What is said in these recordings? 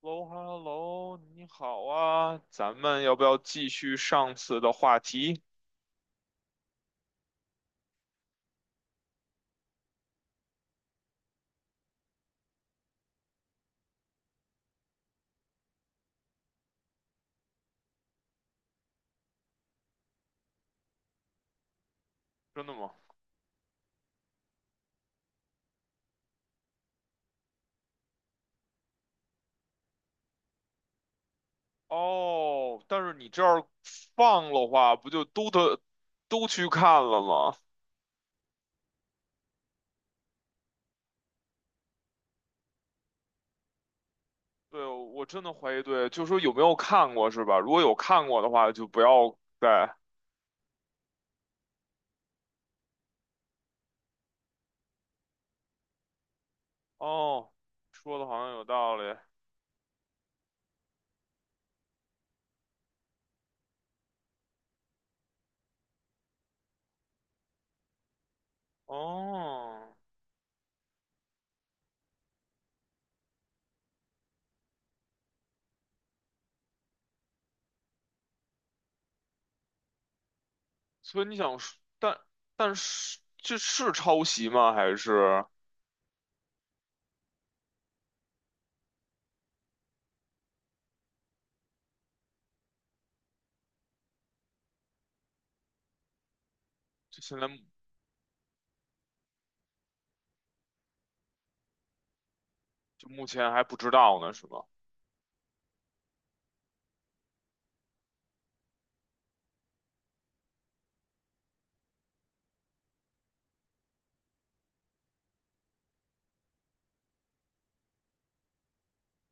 Hello Hello，你好啊，咱们要不要继续上次的话题？真的吗？哦，但是你这儿放的话，不就都得去看了吗？对，我真的怀疑，对，就说有没有看过是吧？如果有看过的话，就不要再。哦，说的好像有道理。哦，所以你想说，但是这是抄袭吗？还是就现在目就目前还不知道呢，是吗？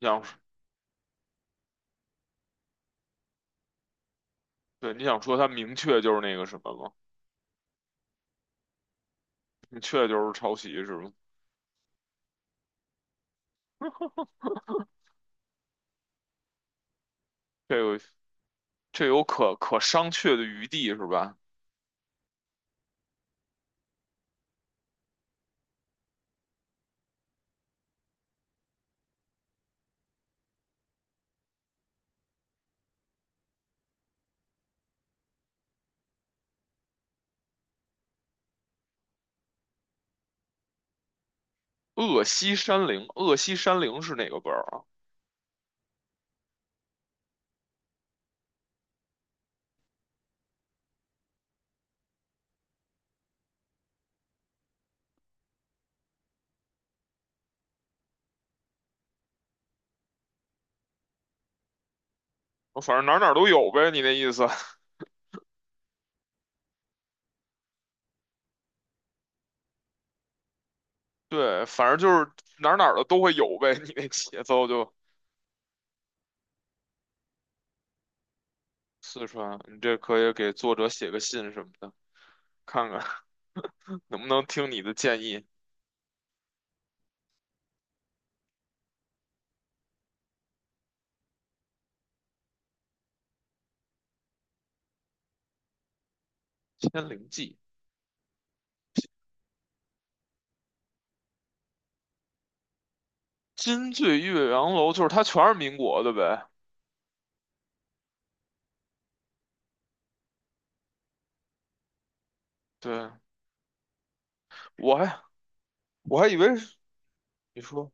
想对，你想说他明确就是那个什么吗？明确就是抄袭是吗？这个这有可商榷的余地是吧？鄂西山灵，鄂西山灵是哪个本儿啊？反正哪儿哪儿都有呗，你那意思？对，反正就是哪儿哪儿的都会有呗，你那节奏就四川，你这可以给作者写个信什么的，看看 能不能听你的建议。《千灵记》金醉岳阳楼就是它全是民国的呗？对，我还我还以为是你说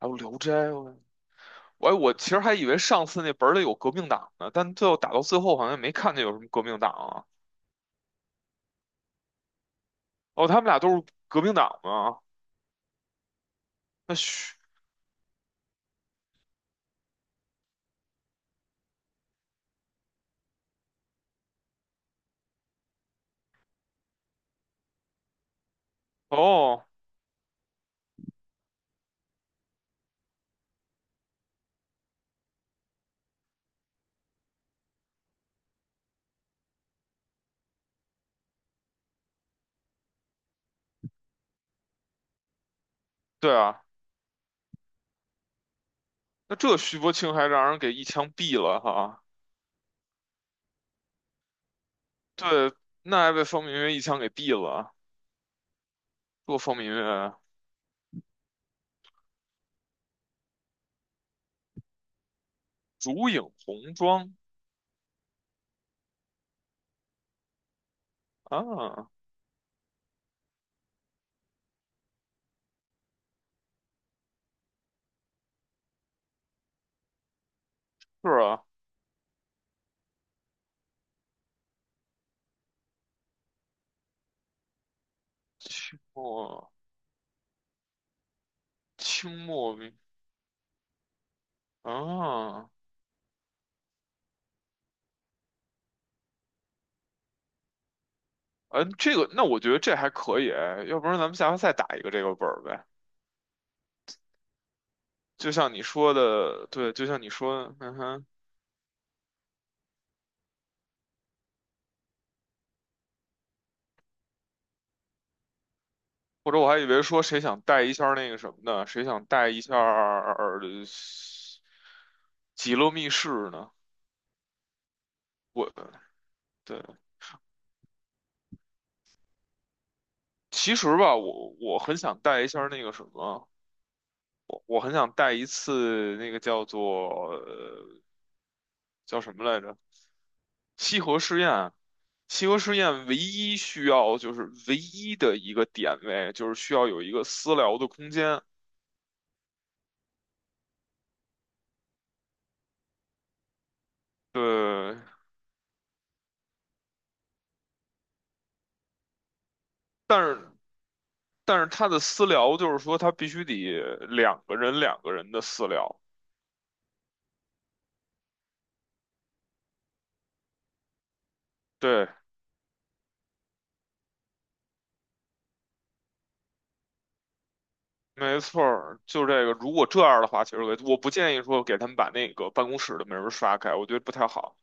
还有《聊斋》哦，我其实还以为上次那本儿里有革命党呢，但最后打到最后好像也没看见有什么革命党啊。哦，他们俩都是革命党吗？那徐哦，对啊，那这徐伯清还让人给一枪毙了哈。对，那还被方明月一枪给毙了。这方明月，烛影红妆啊，是啊，清末清末明啊，嗯，这个那我觉得这还可以，要不然咱们下回再打一个这个本儿呗。就像你说的，对，就像你说的，嗯哼，或者我还以为说谁想带一下儿那个什么呢？谁想带一下儿极乐密室呢？我对，其实吧，我很想带一下儿那个什么，我很想带一次那个叫做叫什么来着？西河试验。西河试验唯一需要就是唯一的一个点位，就是需要有一个私聊的空间。对，但是但是他的私聊就是说，他必须得两个人的私聊。对，没错儿，就这个。如果这样的话，其实我不建议说给他们把那个办公室的门儿刷开，我觉得不太好。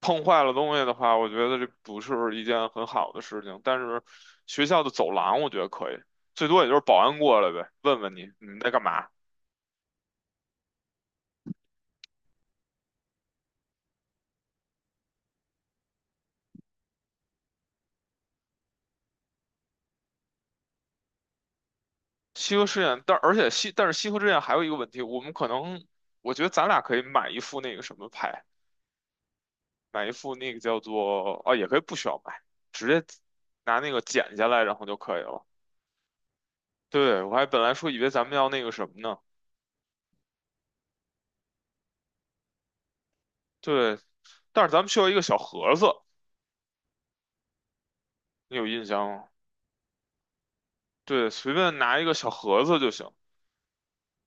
碰坏了东西的话，我觉得这不是一件很好的事情。但是学校的走廊，我觉得可以，最多也就是保安过来呗，问问你们在干嘛。西河实验，但是西河实验还有一个问题，我觉得咱俩可以买一副那个什么牌。买一副那个叫做啊，也可以不需要买，直接拿那个剪下来，然后就可以了。对，我还本来说以为咱们要那个什么呢，对，但是咱们需要一个小盒子，你有印象吗？对，随便拿一个小盒子就行，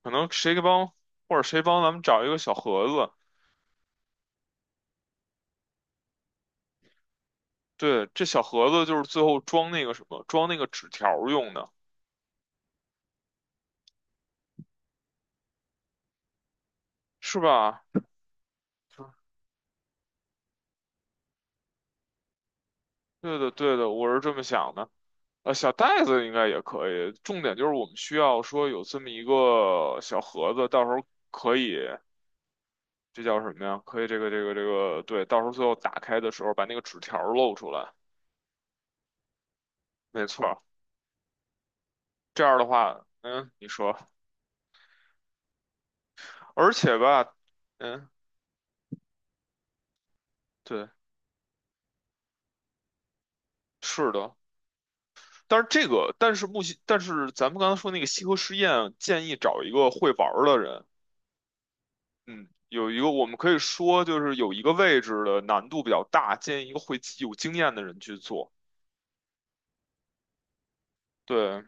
可能谁给帮或者谁帮咱们找一个小盒子，对，这小盒子就是最后装那个什么，装那个纸条儿用的，是吧？对的，对的，我是这么想的。呃，小袋子应该也可以。重点就是我们需要说有这么一个小盒子，到时候可以，这叫什么呀？可以这个，对，到时候最后打开的时候把那个纸条儿露出来。没错儿这样的话，嗯，你说，而且吧，嗯，对，是的。但是这个，但是咱们刚才说那个西河实验，建议找一个会玩儿的人。嗯，有一个我们可以说就是有一个位置的难度比较大，建议一个会有经验的人去做。对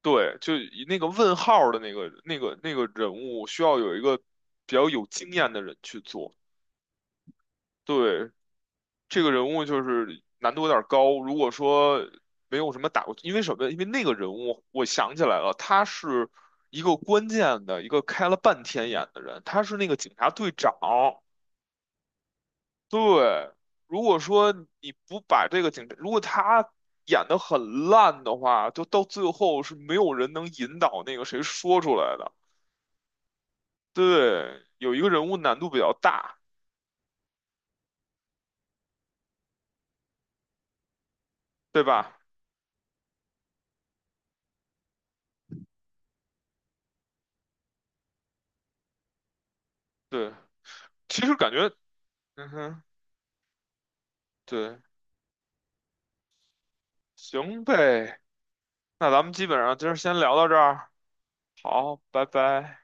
对，就以那个问号儿的那个人物，需要有一个比较有经验的人去做。对，这个人物就是难度有点儿高。如果说没有什么打过，因为什么？因为那个人物，我想起来了，他是一个关键的一个开了半天眼的人，他是那个警察队长。对，如果说你不把这个警察，如果他演得很烂的话，就到最后是没有人能引导那个谁说出来的。对，有一个人物难度比较大，对吧？对，其实感觉，嗯哼，对，行呗，那咱们基本上今儿先聊到这儿，好，拜拜。